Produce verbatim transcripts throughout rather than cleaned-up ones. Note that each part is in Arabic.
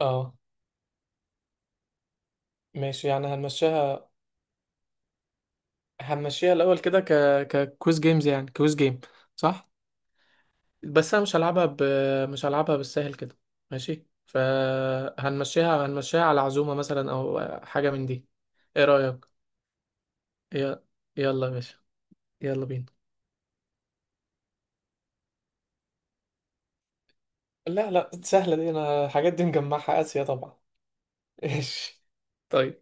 اه، ماشي. يعني هنمشيها هنمشيها الاول كده ك ككويز جيمز، يعني كويز جيم. صح. بس انا مش هلعبها ب... مش هلعبها بالسهل كده. ماشي، فهنمشيها هنمشيها على عزومة مثلا او حاجة من دي. ايه رأيك؟ ي... يلا يا باشا، يلا بينا. لا لا، سهلة دي، انا الحاجات دي مجمعها آسيا طبعا. ايش؟ طيب،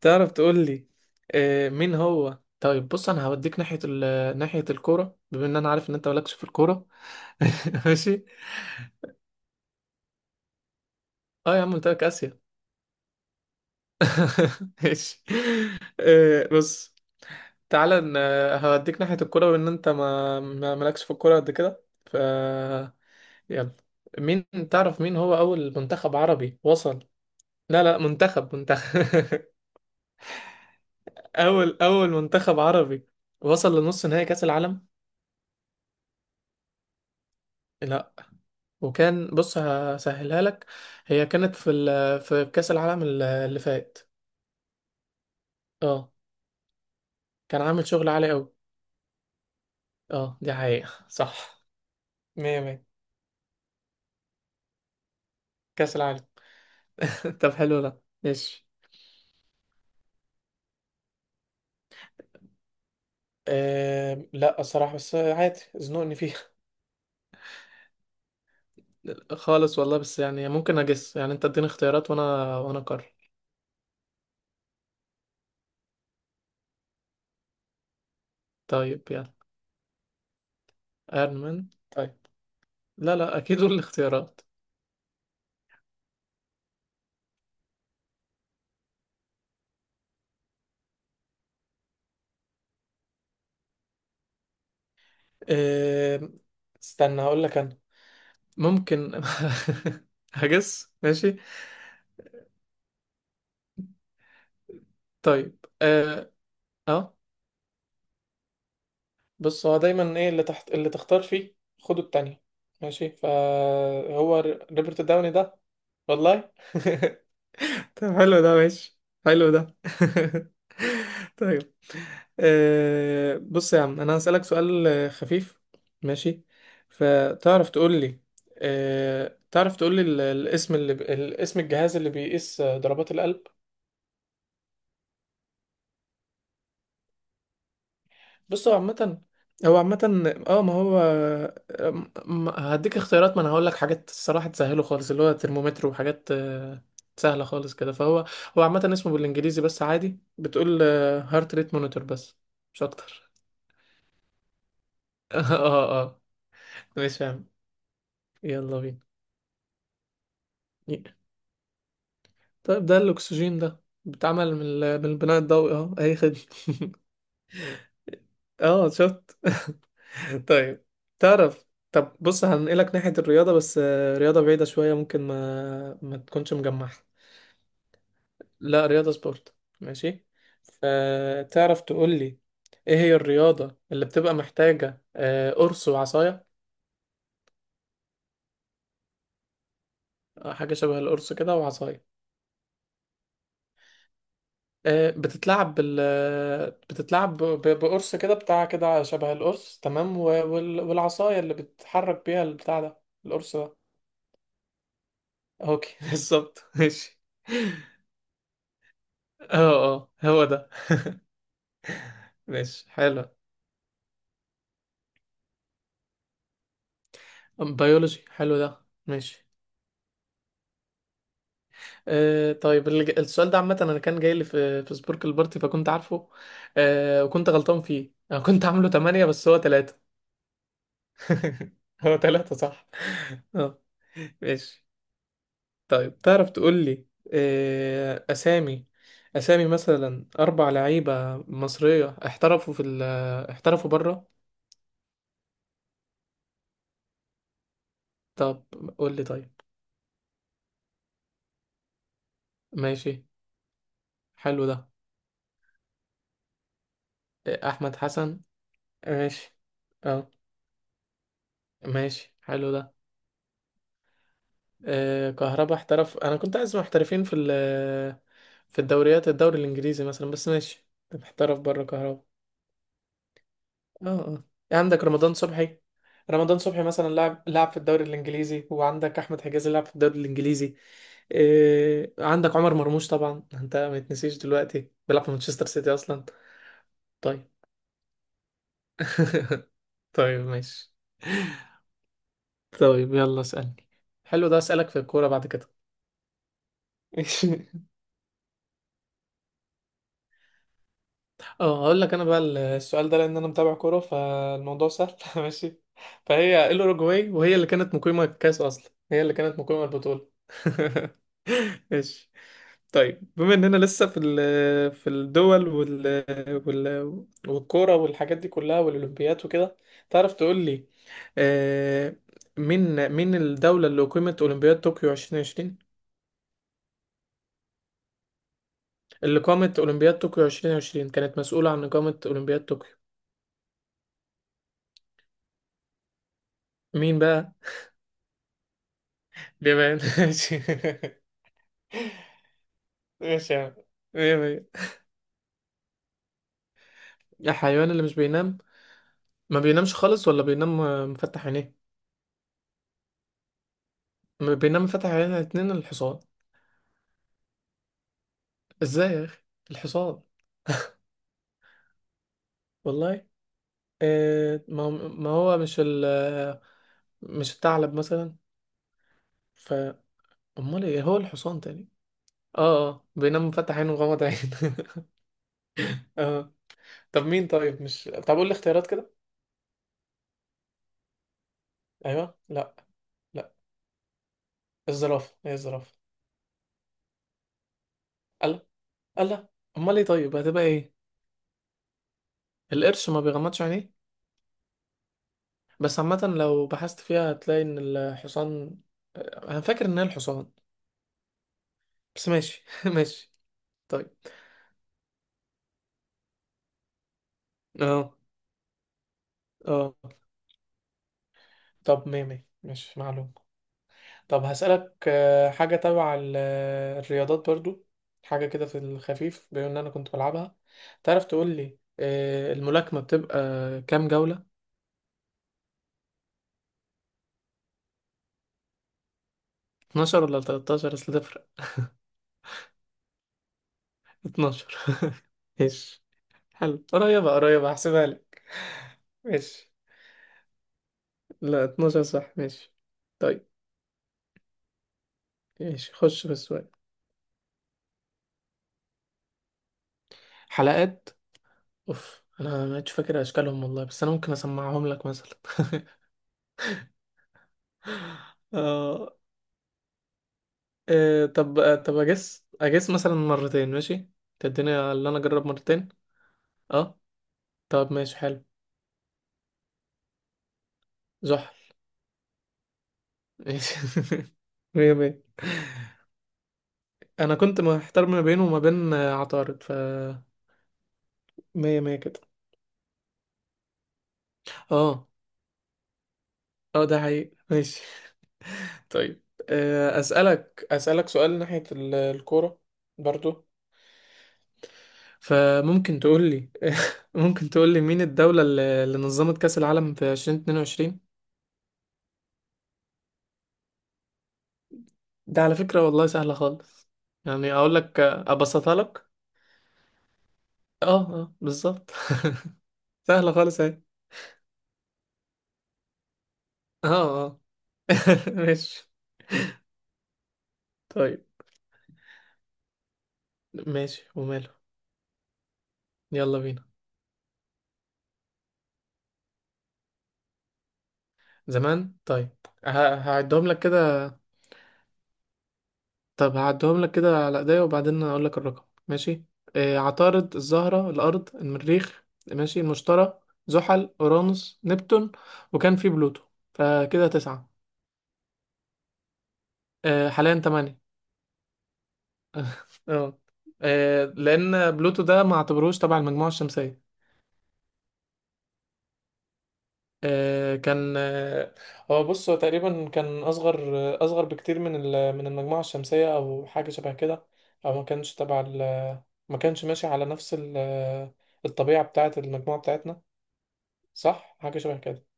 تعرف تقول لي آه، مين هو؟ طيب بص انا هوديك ناحية ال... ناحية الكورة، بما ان انا عارف ان انت مالكش في الكورة. ماشي. اه يا عم، قلت لك اسيا. ماشي. آه، بص، تعالى ن- هوديك ناحية الكورة بما ان انت ما ما- مالكش في الكورة قد كده، ف يلا. مين تعرف مين هو اول منتخب عربي وصل؟ لا لا، منتخب منتخب اول اول منتخب عربي وصل لنص نهائي كاس العالم. لا. وكان، بص هسهلها لك، هي كانت في ال... في كاس العالم ال- اللي فات. اه، كان عامل شغل عالي قوي. اه دي حقيقة صح. مية مية، كاس العالم. طب حلو ده، ماشي. آه لا، الصراحة بس عادي، زنقني فيها. خالص والله، بس يعني ممكن اجس، يعني انت اديني اختيارات وانا وانا اقرر. طيب يلا. ايرون مان، طيب. لا لا، اكيد دول الاختيارات. أه... استنى هقول لك انا، ممكن هجس، ماشي. طيب. اه آه. بص، هو دايما ايه اللي تحت اللي تختار فيه؟ خده التانية. ماشي، فهو ر- روبرت داوني ده. والله طب حلو ده، ماشي. حلو ده. طيب. آه، بص يا عم، انا هسألك سؤال آه، خفيف، ماشي. فتعرف تقول لي آه، تعرف تقول لي ال- الاسم اللي ب... الاسم الجهاز اللي بيقيس آه، ضربات القلب. بص هو عامة، هو عامة اه ما هو، م- م- هديك اختيارات، ما انا هقول لك حاجات الصراحة تسهله خالص، اللي هو ترمومتر وحاجات آه، سهلة خالص كده. فهو، هو عامة اسمه بالانجليزي، بس عادي، بتقول هارت ريت مونيتور، بس مش اكتر. اه اه. مش فاهم. يلا بينا. ي- طيب، ده الاكسجين ده، بيتعمل من ال- من البناء الضوئي. اه، اي خدمة. اه شفت. طيب. تعرف. طب بص، هنقلك ناحية الرياضة بس، آه، رياضة بعيدة شوية، ممكن ما ما تكونش مجمعها. لا، رياضة سبورت. ماشي. فتعرف تقول لي، ايه هي الرياضة اللي بتبقى محتاجة آه، قرص وعصاية؟ آه، حاجة شبه القرص كده وعصاية. آه، بتتلعب بال آه، بتتلعب ب- ب- بقرص كده، بتاع كده شبه القرص، تمام، و- وال- والعصاية اللي بتحرك بيها البتاع ده، القرص ده. اوكي بالظبط، ماشي. اه اه، هو ده. ماشي حلو. بيولوجي، حلو ده، ماشي. آه طيب، الج- السؤال ده عامة أنا كان جاي لي في في سبوركل بارتي، فكنت عارفه. آه، وكنت غلطان فيه، أنا كنت عامله تمانية بس هو تلاتة. هو تلاتة، صح. اه، ماشي. طيب، تعرف تقول لي، آه أسامي أسامي مثلا أربع لعيبة مصرية احترفوا في ال احترفوا بره. طب قول لي طيب، ماشي حلو ده. آه، أحمد حسن، ماشي. اه، ماشي، حلو ده. آه كهربا احترف، انا كنت عايز محترفين في ال- في الدوريات، الدوري الانجليزي مثلا، بس ماشي، محترف بره كهربا. اه اه، إيه عندك رمضان صبحي؟ رمضان صبحي مثلا لعب لعب في الدوري الانجليزي، وعندك احمد حجازي لعب في الدوري الانجليزي. آه عندك عمر مرموش طبعا، انت ما يتنسيش دلوقتي بيلعب في مانشستر سيتي اصلا. طيب. طيب، ماشي. طيب يلا اسألني، حلو ده. اسألك في الكورة بعد كده. اه، هقول لك انا بقى. السؤال ده، لان انا متابع كوره، فالموضوع سهل. ماشي. فهي الاوروجواي، وهي اللي كانت مقيمه الكاس اصلا، هي اللي كانت مقيمه البطوله. ماشي. طيب، بما اننا لسه في ال- في الدول وال وال والكوره والحاجات دي كلها والاولمبيات وكده، تعرف تقول لي، آه، مين مين الدوله اللي اقيمت اولمبياد طوكيو عشرين عشرين؟ اللي قامت اولمبياد طوكيو عشرين عشرين، كانت مسؤوله عن اقامه اولمبياد طوكيو. مين بقى؟ بيبان ماشي. ماشي يا عم، مية مية. الحيوان اللي مش بينام، ما بينامش خالص، ولا بينام آه، مفتح عينيه؟ ما بينام مفتح عينيه الاتنين الحصان، ازاي يا اخي الحصان؟ والله. آه ما هو ما هو مش ال آه، مش الثعلب مثلا؟ ف امال ايه، هو الحصان تاني؟ اه اه، بينام مفتح عينه ومغمض عينه. اه. طب مين طيب مش طب قول لي اختيارات كده. ايوه لا لا، الزرافه هي الزرافه. الله، الله، امال ايه طيب، هتبقى ايه؟ القرش ما بيغمضش عينيه؟ بس عامة لو بحثت فيها هتلاقي ان الحصان، انا فاكر ان هي الحصان، بس ماشي. ماشي. طيب. اه اه. طب، مية مية، ماشي، معلوم. طب هسألك آه، حاجة تبع ال- آه، الرياضات برضو، حاجة كده في الخفيف، بما ان انا كنت بلعبها. تعرف تقول لي آه، الملاكمة بتبقى كام جولة؟ اتناشر ولا تلتاشر؟ اصل تفرق. اتناشر. ماشي، حلو. قريبة قريبة، هحسبها لك. ماشي. لا، اتناشر، صح، ماشي. طيب. ماشي، خش في السؤال. حلقات. اوف، انا ما عدتش فاكر اشكالهم والله، بس انا ممكن اسمعهم لك مثلا. آه. آه. طب آه. طب اجس اجس مثلا مرتين، ماشي؟ تديني اللي انا اجرب مرتين. اه طب، ماشي حلو. زحل. ماشي. مية مية. انا كنت محتار ما بينه وما بين آه، عطارد، ف مية مية كده. اه اه، ده حقيقي، ماشي. طيب. آه. اسالك اسالك سؤال ناحية ال- الكورة برضو، فممكن تقول لي ممكن تقول لي مين الدولة اللي اللي نظمت كأس العالم في ألفين واتنين وعشرين؟ ده على فكرة والله سهلة خالص. يعني اقول لك، ابسطها لك. اه اه، بالظبط. سهلة خالص اهي. اه اه. ماشي. طيب، ماشي وماله، يلا بينا. زمان؟ طيب، ه- هعدهم لك كده. طب هعدهم لك كده على ايديا، وبعدين هقول لك الرقم، ماشي؟ آه، عطارد، الزهرة، الأرض، المريخ، ماشي، المشتري، زحل، أورانوس، نبتون، وكان في بلوتو، فكده تسعة. آه حاليا تمانية. اه. آه، لأن بلوتو ده ما اعتبروش تبع المجموعة الشمسية. آه، كان آه، هو بص، هو تقريبا كان اصغر، آه، اصغر بكتير من ال- من المجموعه الشمسيه، او حاجه شبه كده، او ما كانش تبع ال- ما كانش ماشي على نفس ال- آه، الطبيعه بتاعه المجموعه بتاعتنا. صح، حاجه شبه كده.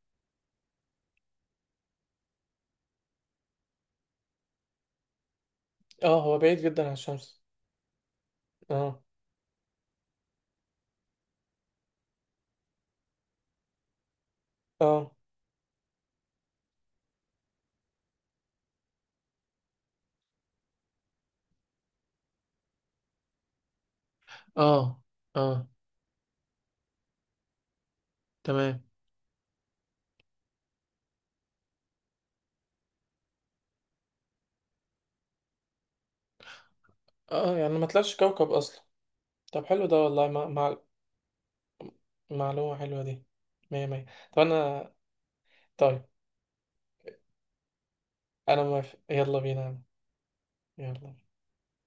اه، هو بعيد جدا عن الشمس. اه اه. اه اه، تمام. اه، يعني ما طلعش كوكب اصلا. طب حلو ده والله، مع... مع... معلومه حلوه دي. مية مية. طب انا. طيب انا موافق، يلا بينا، يلا.